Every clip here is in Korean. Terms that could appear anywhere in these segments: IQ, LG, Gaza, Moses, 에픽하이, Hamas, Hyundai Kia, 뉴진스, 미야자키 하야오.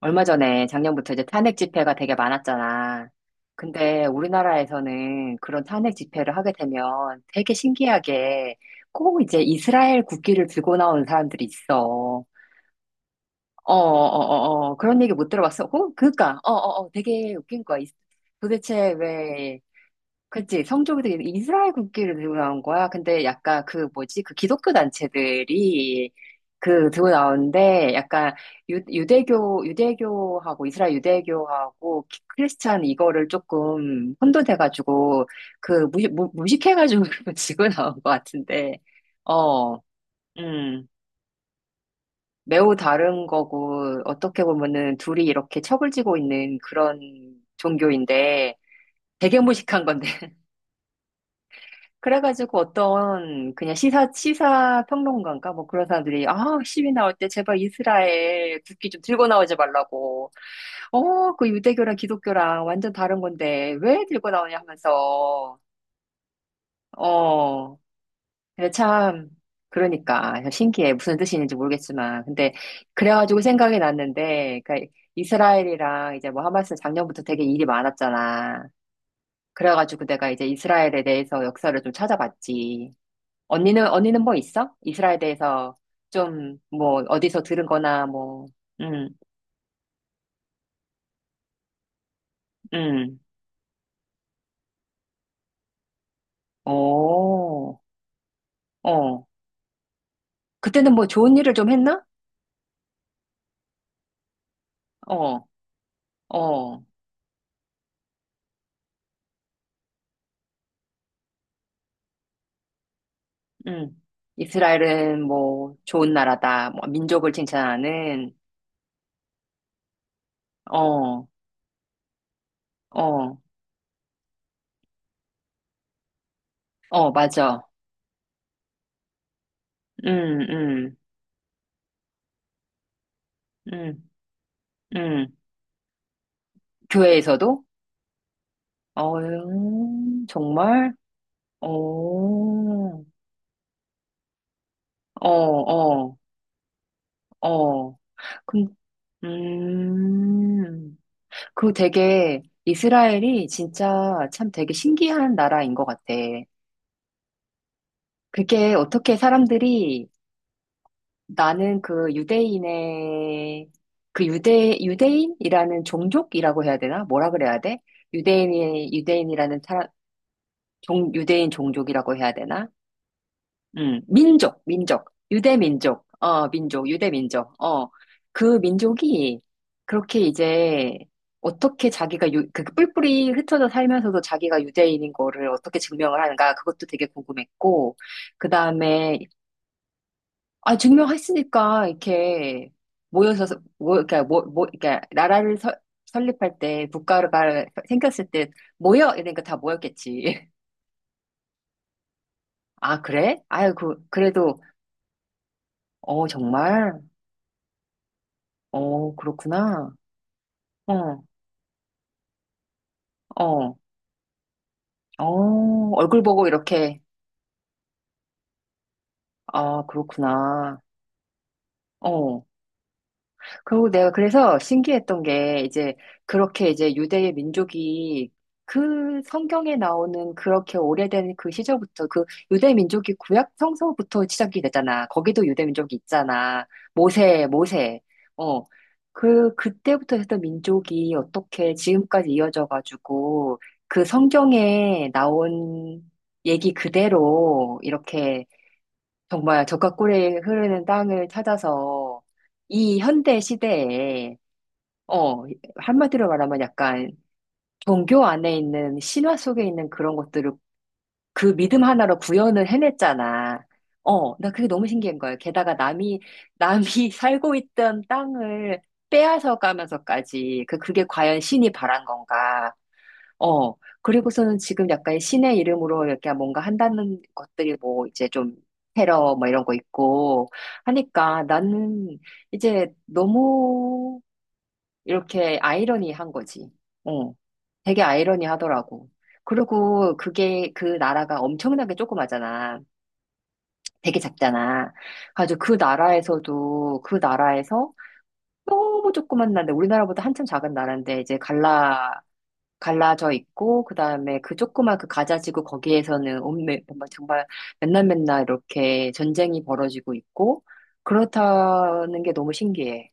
얼마 전에 작년부터 이제 탄핵 집회가 되게 많았잖아. 근데 우리나라에서는 그런 탄핵 집회를 하게 되면 되게 신기하게 꼭 이제 이스라엘 국기를 들고 나오는 사람들이 있어. 어, 어, 어, 어, 어. 그런 얘기 못 들어봤어? 어? 그니까, 어, 어, 어, 되게 웃긴 거야. 도대체 왜 그치, 성조기 되게 이스라엘 국기를 들고 나온 거야. 근데 약간 그 뭐지, 그 기독교 단체들이 그 들고 나오는데 약간 유대교, 유대교하고 이스라엘 유대교하고 크리스찬 이거를 조금 혼돈해가지고 그 무식해가지고 지고 나온 것 같은데, 어, 음, 매우 다른 거고 어떻게 보면은 둘이 이렇게 척을 지고 있는 그런 종교인데 되게 무식한 건데. 그래가지고 어떤 그냥 시사 평론가인가? 뭐 그런 사람들이, 아, 시위 나올 때 제발 이스라엘 국기 좀 들고 나오지 말라고. 어, 그 유대교랑 기독교랑 완전 다른 건데 왜 들고 나오냐 하면서. 어, 근데 참, 그러니까. 신기해. 무슨 뜻인지 모르겠지만. 근데 그래가지고 생각이 났는데, 그러니까 이스라엘이랑 이제 뭐 하마스 작년부터 되게 일이 많았잖아. 그래가지고 내가 이제 이스라엘에 대해서 역사를 좀 찾아봤지. 언니는 뭐 있어? 이스라엘에 대해서 좀, 뭐, 어디서 들은 거나, 뭐, 음, 음, 오, 어. 그때는 뭐 좋은 일을 좀 했나? 어, 어, 음. 이스라엘은 뭐 좋은 나라다. 뭐 민족을 칭찬하는, 어, 어, 어, 맞아. 음, 음, 음, 음. 교회에서도? 어, 정말? 어, 어, 어, 어. 음, 그 되게 이스라엘이 진짜 참 되게 신기한 나라인 것 같아. 그게 어떻게 사람들이 나는 그 유대인의 그 유대인이라는 종족이라고 해야 되나? 뭐라 그래야 돼? 유대인의 유대인이라는 사람 종 유대인 종족이라고 해야 되나? 민족, 유대민족, 어, 민족, 유대민족, 어, 그 민족이 그렇게 이제 어떻게 자기가 유, 그 뿔뿔이 흩어져 살면서도 자기가 유대인인 거를 어떻게 증명을 하는가 그것도 되게 궁금했고, 그 다음에, 아, 증명했으니까 이렇게 모여서, 모, 그러니까, 모, 모, 그러니까 나라를 설립할 때, 국가가 생겼을 때 모여! 이러니까 다 모였겠지. 아, 그래? 아유, 그래도, 어, 정말? 어, 그렇구나. 어, 어, 어, 얼굴 보고 이렇게. 아, 그렇구나. 어, 그리고 내가 그래서 신기했던 게 이제 그렇게 이제 유대의 민족이 그 성경에 나오는 그렇게 오래된 그 시절부터 그 유대 민족이 구약 성서부터 시작이 되잖아. 거기도 유대 민족이 있잖아. 모세. 어. 그 그때부터 했던 민족이 어떻게 지금까지 이어져 가지고 그 성경에 나온 얘기 그대로 이렇게 정말 적과 꿀이 흐르는 땅을 찾아서 이 현대 시대에, 어, 한마디로 말하면 약간 종교 안에 있는 신화 속에 있는 그런 것들을 그 믿음 하나로 구현을 해냈잖아. 어, 나 그게 너무 신기한 거야. 게다가 남이, 남이 살고 있던 땅을 빼앗아 가면서까지, 그게 과연 신이 바란 건가. 어, 그리고서는 지금 약간 신의 이름으로 이렇게 뭔가 한다는 것들이 뭐 이제 좀 테러 뭐 이런 거 있고 하니까 나는 이제 너무 이렇게 아이러니한 거지. 어, 되게 아이러니하더라고. 그리고 그게 그 나라가 엄청나게 조그마잖아. 되게 작잖아. 가지고 그 나라에서도 그 나라에서 너무 조그만 나라인데 우리나라보다 한참 작은 나라인데 이제 갈라져 있고 그다음에 그 조그만 그 가자지구 거기에서는 온매 정말 정말 맨날 맨날 이렇게 전쟁이 벌어지고 있고 그렇다는 게 너무 신기해.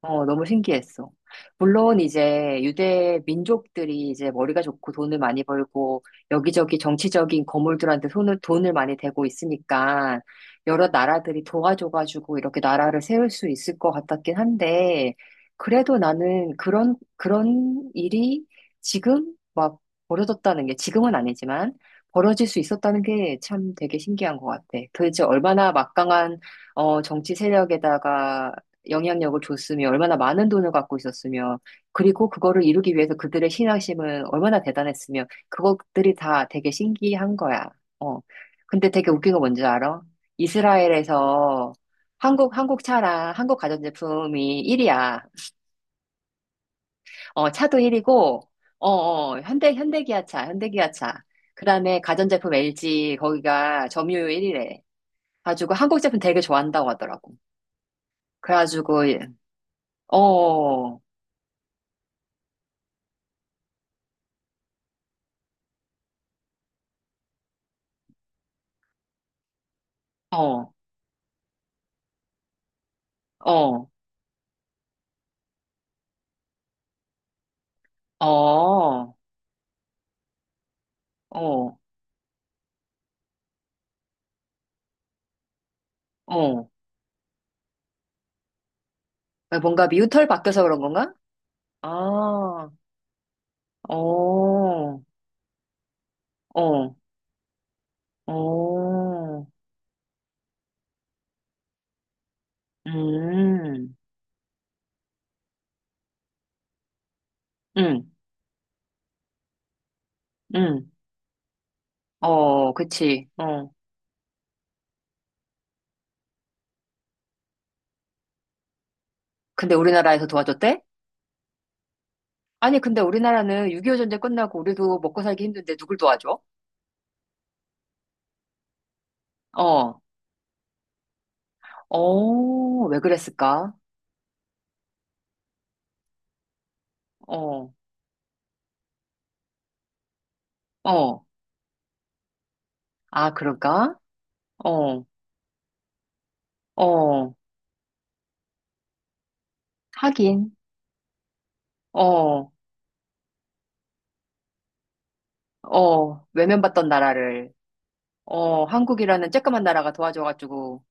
어, 너무 신기했어. 물론 이제 유대 민족들이 이제 머리가 좋고 돈을 많이 벌고 여기저기 정치적인 거물들한테 돈을 많이 대고 있으니까 여러 나라들이 도와줘가지고 이렇게 나라를 세울 수 있을 것 같았긴 한데 그래도 나는 그런 일이 지금 막 벌어졌다는 게 지금은 아니지만 벌어질 수 있었다는 게 참 되게 신기한 것 같아. 도대체 얼마나 막강한 어, 정치 세력에다가 영향력을 줬으며 얼마나 많은 돈을 갖고 있었으며 그리고 그거를 이루기 위해서 그들의 신앙심은 얼마나 대단했으며 그것들이 다 되게 신기한 거야. 어. 근데 되게 웃긴 거 뭔지 알아? 이스라엘에서 한국 차랑 한국 가전제품이 1위야. 어, 차도 1위고 어, 어, 현대기아차, 현대기아차. 그다음에 가전제품 LG 거기가 점유율 1위래. 가지고 한국 제품 되게 좋아한다고 하더라고. 그래가지고 어, 어, 어. 어, 어, 어. 아, 뭔가 미우털 바뀌어서 그런 건가? 아, 어, 어, 어, 음, 음, 음. 어, 그치. 어. 근데 우리나라에서 도와줬대? 아니, 근데 우리나라는 6.25 전쟁 끝나고 우리도 먹고 살기 힘든데 누굴 도와줘? 어, 어, 왜 그랬을까? 어, 어. 아, 그럴까? 어, 어. 하긴, 어, 어. 외면받던 나라를. 어, 한국이라는 쬐끄만 나라가 도와줘가지고,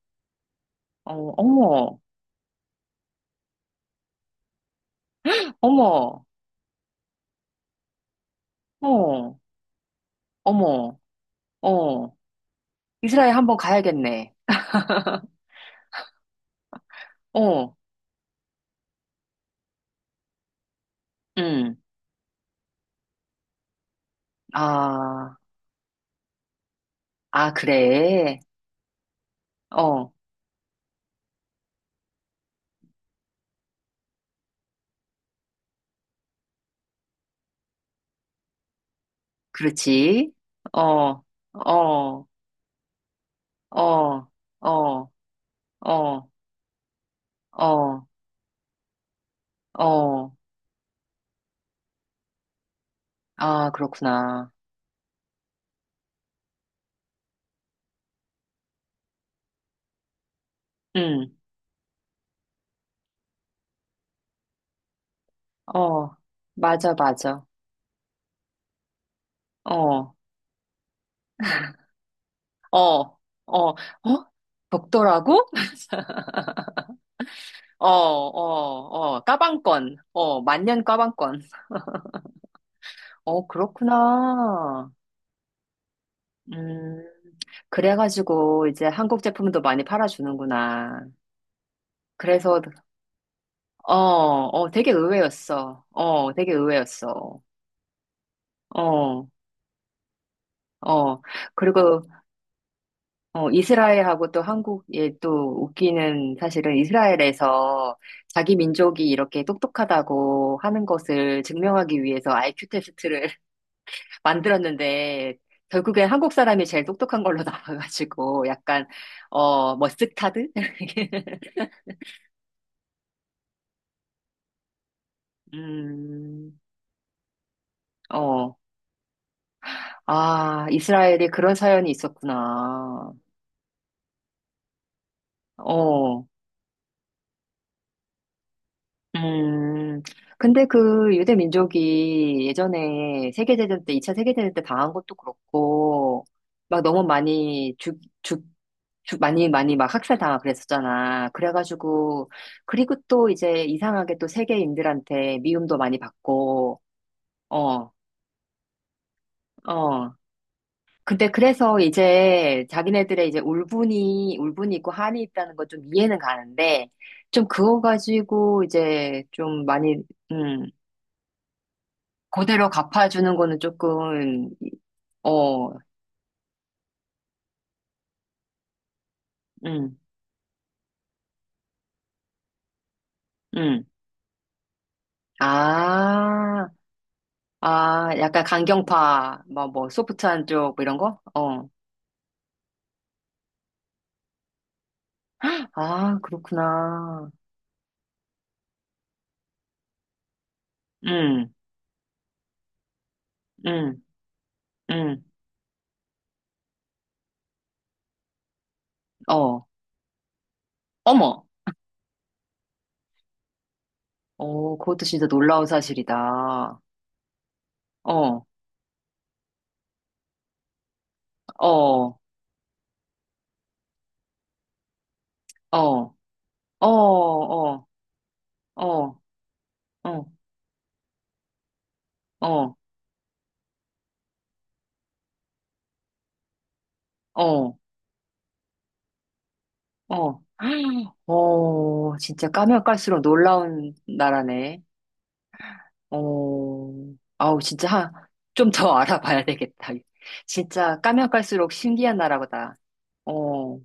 어, 어머, 어머, 어, 어머, 어, 이스라엘 한번 가야겠네. 어, 음, 아, 아, 그래. 어, 그렇지. 어, 어, 어, 어, 어, 어, 어, 아, 그렇구나. 음, 어, 맞아, 맞아. 어, 어, 어, 어? 독도라고? 어, 어, 어, 까방권. 어, 만년 까방권. 어, 그렇구나. 음, 그래가지고 이제 한국 제품도 많이 팔아주는구나. 그래서, 어, 어, 되게 의외였어. 어, 되게 의외였어. 어, 어. 그리고, 어, 이스라엘하고 또 한국이 또 웃기는 사실은 이스라엘에서 자기 민족이 이렇게 똑똑하다고 하는 것을 증명하기 위해서 IQ 테스트를 만들었는데 결국엔 한국 사람이 제일 똑똑한 걸로 나와가지고 약간 어 머스타드? 음, 어, 아 이스라엘이 그런 사연이 있었구나. 어. 음, 근데 그 유대 민족이 예전에 세계대전 때, 2차 세계대전 때 당한 것도 그렇고, 막 너무 많이 많이 막 학살당하고 그랬었잖아. 그래가지고, 그리고 또 이제 이상하게 또 세계인들한테 미움도 많이 받고, 어, 어. 근데 그래서 이제 자기네들의 이제 울분이 있고 한이 있다는 건 좀 이해는 가는데, 좀 그거 가지고 이제 좀 많이, 음. 그대로 갚아주는 거는 조금, 어, 음, 음. 아, 아, 약간 강경파, 뭐, 뭐, 소프트한 쪽뭐 이런 거? 어. 아, 그렇구나. 음, 음, 음, 어. 어머! 어, 그것도 진짜 놀라운 사실이다. 어, 어, 어, 어, 어, 어, 어, 어, 어, 어. 어, 진짜 까면 깔수록 놀라운 나라네. 어, 아우, 진짜 좀 더 알아봐야 되겠다. 진짜 까면 깔수록 신기한 나라보다. 어.